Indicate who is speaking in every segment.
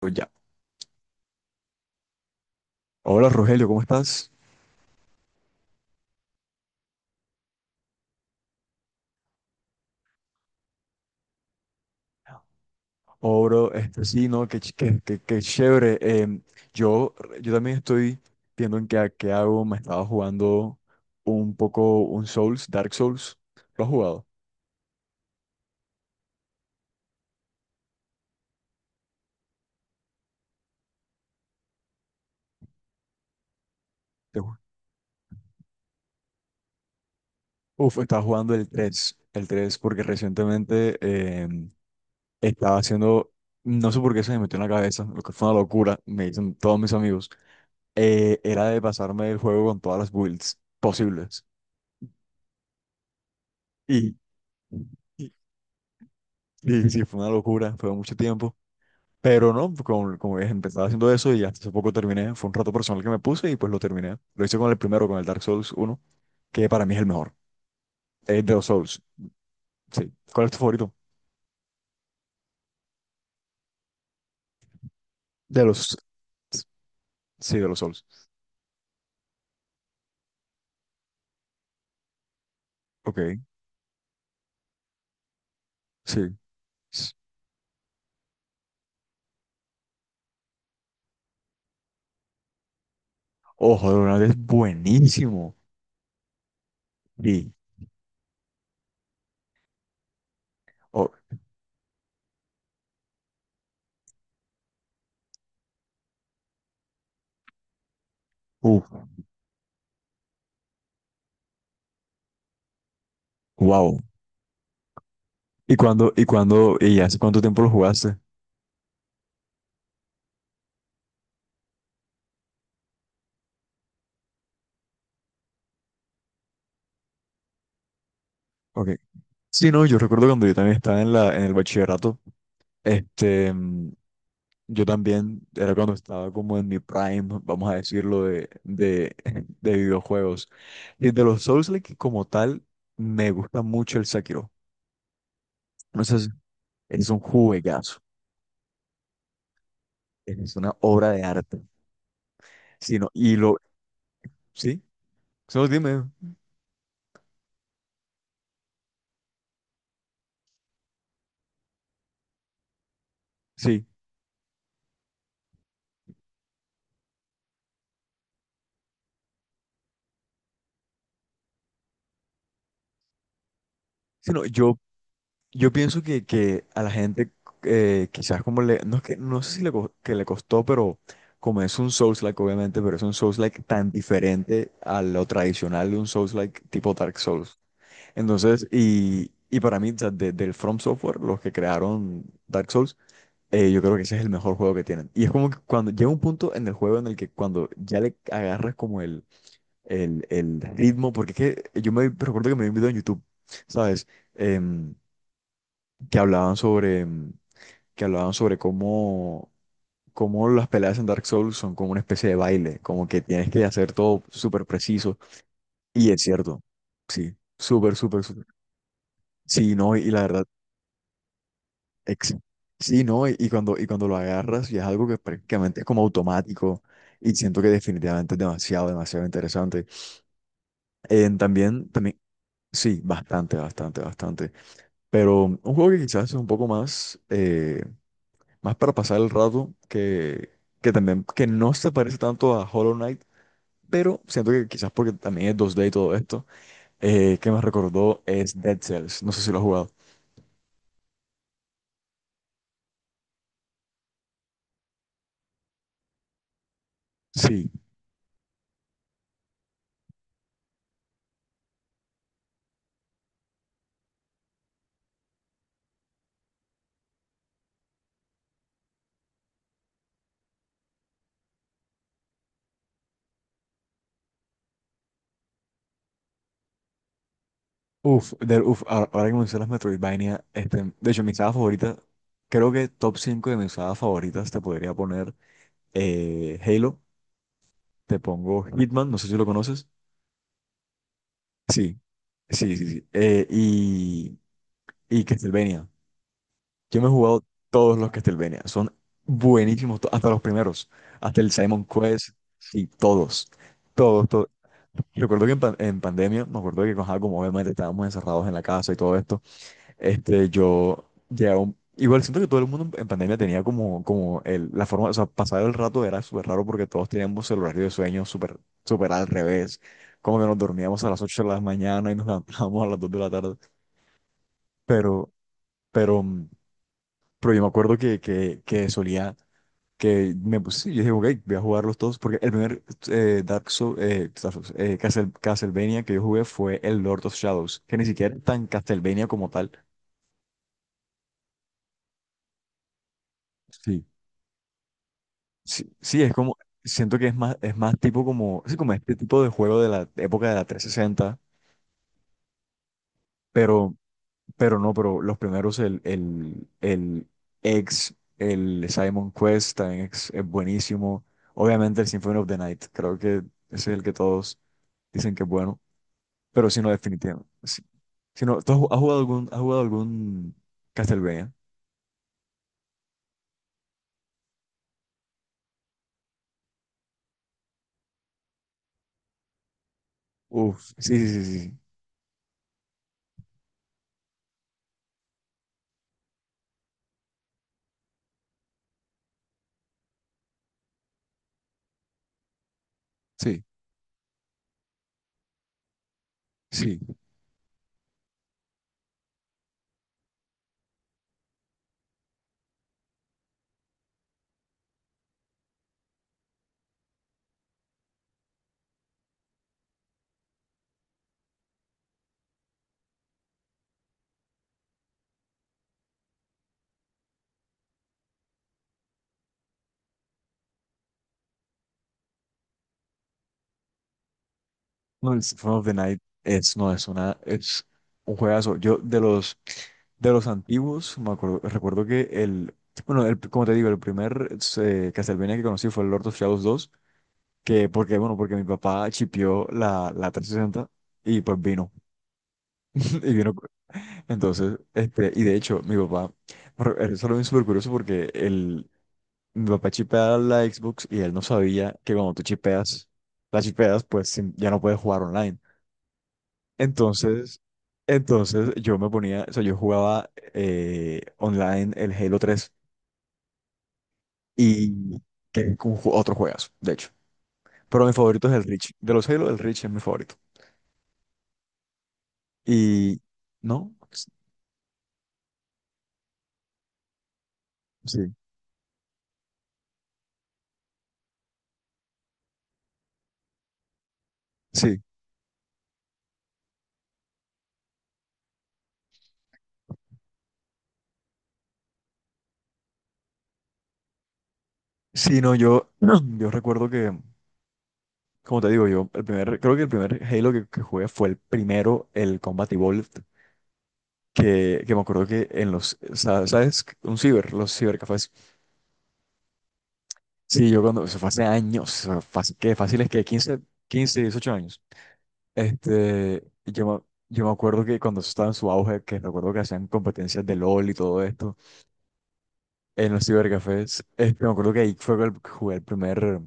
Speaker 1: Pues ya. Hola Rogelio, ¿cómo estás? Oh, bro, este, sí, no, qué, qué chévere. Yo, yo también estoy viendo en qué hago. Me estaba jugando un poco un Souls, Dark Souls. ¿Lo has jugado? Te ju- Uf, estaba jugando el tres, porque recientemente em, estaba haciendo, no sé por qué se me metió en la cabeza, lo que fue una locura, me dicen todos mis amigos, era de pasarme el juego con todas las builds posibles. Y, Y sí, fue una locura, fue mucho tiempo. Pero no, como ves, empezaba haciendo eso y hasta hace poco terminé. Fue un rato personal que me puse y pues lo terminé. Lo hice con el primero, con el Dark Souls uno, que para mí es el mejor. Es de los Souls. Sí. ¿Cuál es tu favorito? De los. Sí, de los Souls. Ok, sí. S- Ojo, de verdad es buenísimo. Y. Oh, uh, wow. ¿Y hace cuánto tiempo lo jugaste? Ok. Sí, no, yo recuerdo cuando yo también estaba en en el bachillerato. Este. mm, Yo también era cuando estaba como en mi prime, vamos a decirlo, de videojuegos. Y de los Souls-like como tal, me gusta mucho el Sekiro. No sé si- es un juegazo, es una obra de arte. Sino, y lo, sí, solo dime, sí. Sino, yo pienso que a la gente quizás como le, no es que, no sé si le, que le costó, pero como es un Souls-like obviamente, pero es un Souls-like tan diferente a lo tradicional de un Souls-like tipo Dark Souls. Entonces, y para mí, o sea, del From Software, los que crearon Dark Souls, yo creo que ese es el mejor juego que tienen. Y es como que cuando llega un punto en el juego en el que cuando ya le agarras como el ritmo, porque es que yo me recuerdo que me vi un video en YouTube, ¿sabes? Em, que hablaban sobre, em, que hablaban sobre cómo las peleas en Dark Souls son como una especie de baile, como que tienes que hacer todo súper preciso. Y es cierto, sí, súper, súper, súper. Sí, no, y la verdad. Ex- Sí, ¿no? Y cuando lo agarras, y es algo que prácticamente es como automático, y siento que definitivamente es demasiado, demasiado interesante. También, también, sí, bastante, bastante, bastante. Pero un juego que quizás es un poco más, más para pasar el rato, que también, que no se parece tanto a Hollow Knight, pero siento que quizás porque también es dos d y todo esto, que me recordó es Dead Cells. No sé si lo has jugado. Sí. Uf, ahora que mencionas Metroidvania, de hecho, mi saga favorita, creo que top 5 de mis sagas favoritas te podría poner Halo, te pongo Hitman, no sé si lo conoces. Sí, sí, sí, sí. Y Castlevania. Yo me he jugado todos los Castlevania, son buenísimos, hasta los primeros, hasta el Simon Quest, sí, todos, todos, todos. Recuerdo que en pandemia, me acuerdo que ajá, como obviamente estábamos encerrados en la casa y todo esto. Yo ya igual siento que todo el mundo en pandemia tenía como, como la forma, o sea, pasar el rato era súper raro porque todos teníamos el horario de sueño súper, súper al revés. Como que nos dormíamos a las 8 de la mañana y nos levantábamos a las 2 de la tarde. Pero, pero, mm, pero yo me acuerdo que, que solía, que me puse, yo dije, ok, voy a jugarlos todos porque el primer Castlevania que yo jugué fue el Lord of Shadows, que ni siquiera es tan Castlevania como tal. Sí. Sí, sí, es como, siento que es más tipo como, sí, como este tipo de juego de la época de la 360, pero, no, pero los primeros, el, el X, el Simon Quest también es buenísimo. Obviamente el Symphony of the Night, creo que ese es el que todos dicen que es bueno, pero si no, definitivamente. Si, si no, ¿tú has, ju- has jugado algún Castlevania? Uf, sí, sí, sí, sí, sí, sí. No, el Symphony of the Night no, es un juegazo. Yo, de los antiguos, recuerdo que bueno, como te digo, el primer Castlevania que conocí fue el Lord of Shadows 2, que, porque, bueno, porque mi papá chipeó la 360 y pues vino, y vino. Entonces, y de hecho, mi papá, eso lo vi súper curioso porque mi papá chipea la Xbox y él no sabía que cuando tú la chipeas, pues ya no puedes jugar online. Entonces, entonces yo me ponía, o sea, yo jugaba online el Halo 3, y que es otro juegazo, de hecho. Pero mi favorito es el Reach. De los Halo, el Reach es mi favorito. Y, ¿No? Sí, sí. Sí, no, yo, yo recuerdo que, como te digo, creo que el primer Halo que jugué fue el primero, el Combat Evolved, que me acuerdo que ¿sabes? Los cibercafés. Sí, eso fue hace años, o sea, fácil, que fácil es que 15, 15, 18 años. Este, yo, me- yo me acuerdo que cuando eso estaba en su auge, que recuerdo que hacían competencias de LOL y todo esto en los cibercafés, me acuerdo que ahí fue jugué el primer,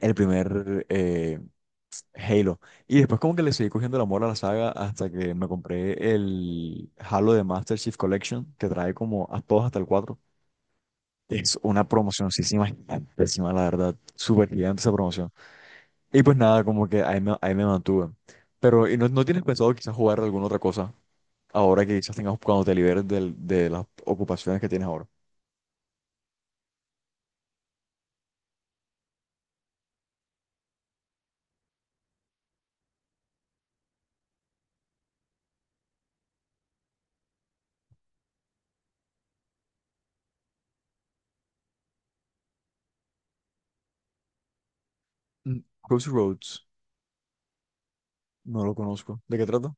Speaker 1: el primer eh, Halo. Y después como que le seguí cogiendo el amor a la saga hasta que me compré el Halo de Master Chief Collection, que trae como a todos hasta el 4. Es una promocioncísima, gigantísima, la verdad, súper gigante esa promoción. Y pues nada, como que ahí me mantuve. Pero, ¿y no tienes pensado quizás jugar alguna otra cosa ahora que quizás tengas cuando te liberes de las ocupaciones que tienes ahora? Crossroads, no lo conozco. ¿De qué trata?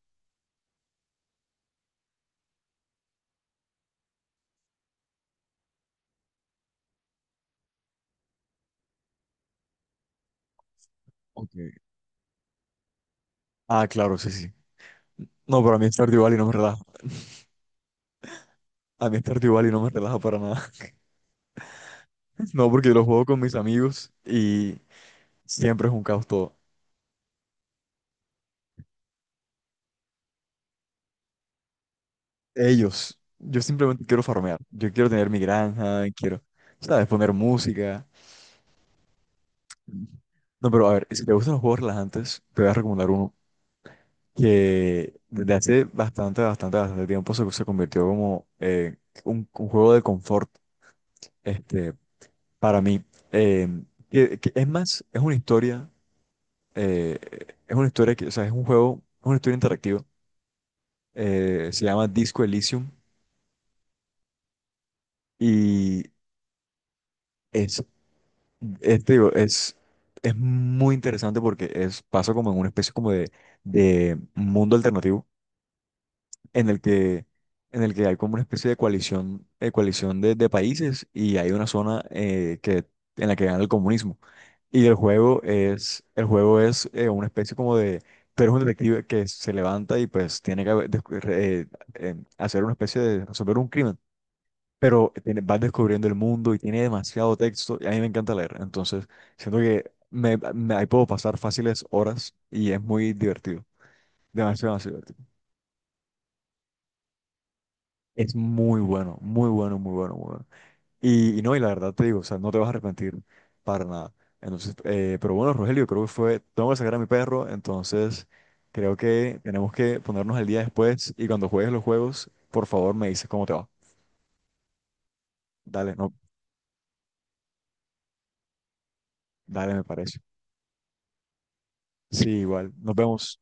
Speaker 1: Ok. Ah, claro, sí, sí. No, pero a mí Stardew Valley no me relaja. A mí Stardew Valley no me relaja para nada. No, porque yo lo juego con mis amigos y siempre es un caos todo. Ellos, yo simplemente quiero farmear. Yo quiero tener mi granja, quiero, ¿sabes? Poner música. No, pero a ver, si te gustan los juegos relajantes, te voy a recomendar uno que desde hace bastante, bastante, bastante tiempo se convirtió como un juego de confort, este, para mí. Eh, que es más, es una historia, eh, que, o sea, es una historia interactiva. Se llama Disco Elysium y es, te digo, es muy interesante porque pasa como en una especie como de mundo alternativo en el que, en el que hay como una especie de coalición, coalición de países y hay una zona en la que gana el comunismo. Y el juego es, el juego es una especie como pero es un detective que se levanta y pues tiene que haber hacer una especie de resolver un crimen. Pero vas descubriendo el mundo y tiene demasiado texto y a mí me encanta leer. Entonces, siento que ahí puedo pasar fáciles horas y es muy divertido. Demasiado, demasiado divertido. Es muy bueno, muy bueno, muy bueno, muy bueno. Y no, y la verdad te digo, o sea, no te vas a arrepentir para nada. Entonces, pero bueno, Rogelio, tengo que sacar a mi perro, entonces creo que tenemos que ponernos al día después y cuando juegues los juegos, por favor me dices cómo te va. Dale, no, dale, me parece. Sí, igual, nos vemos.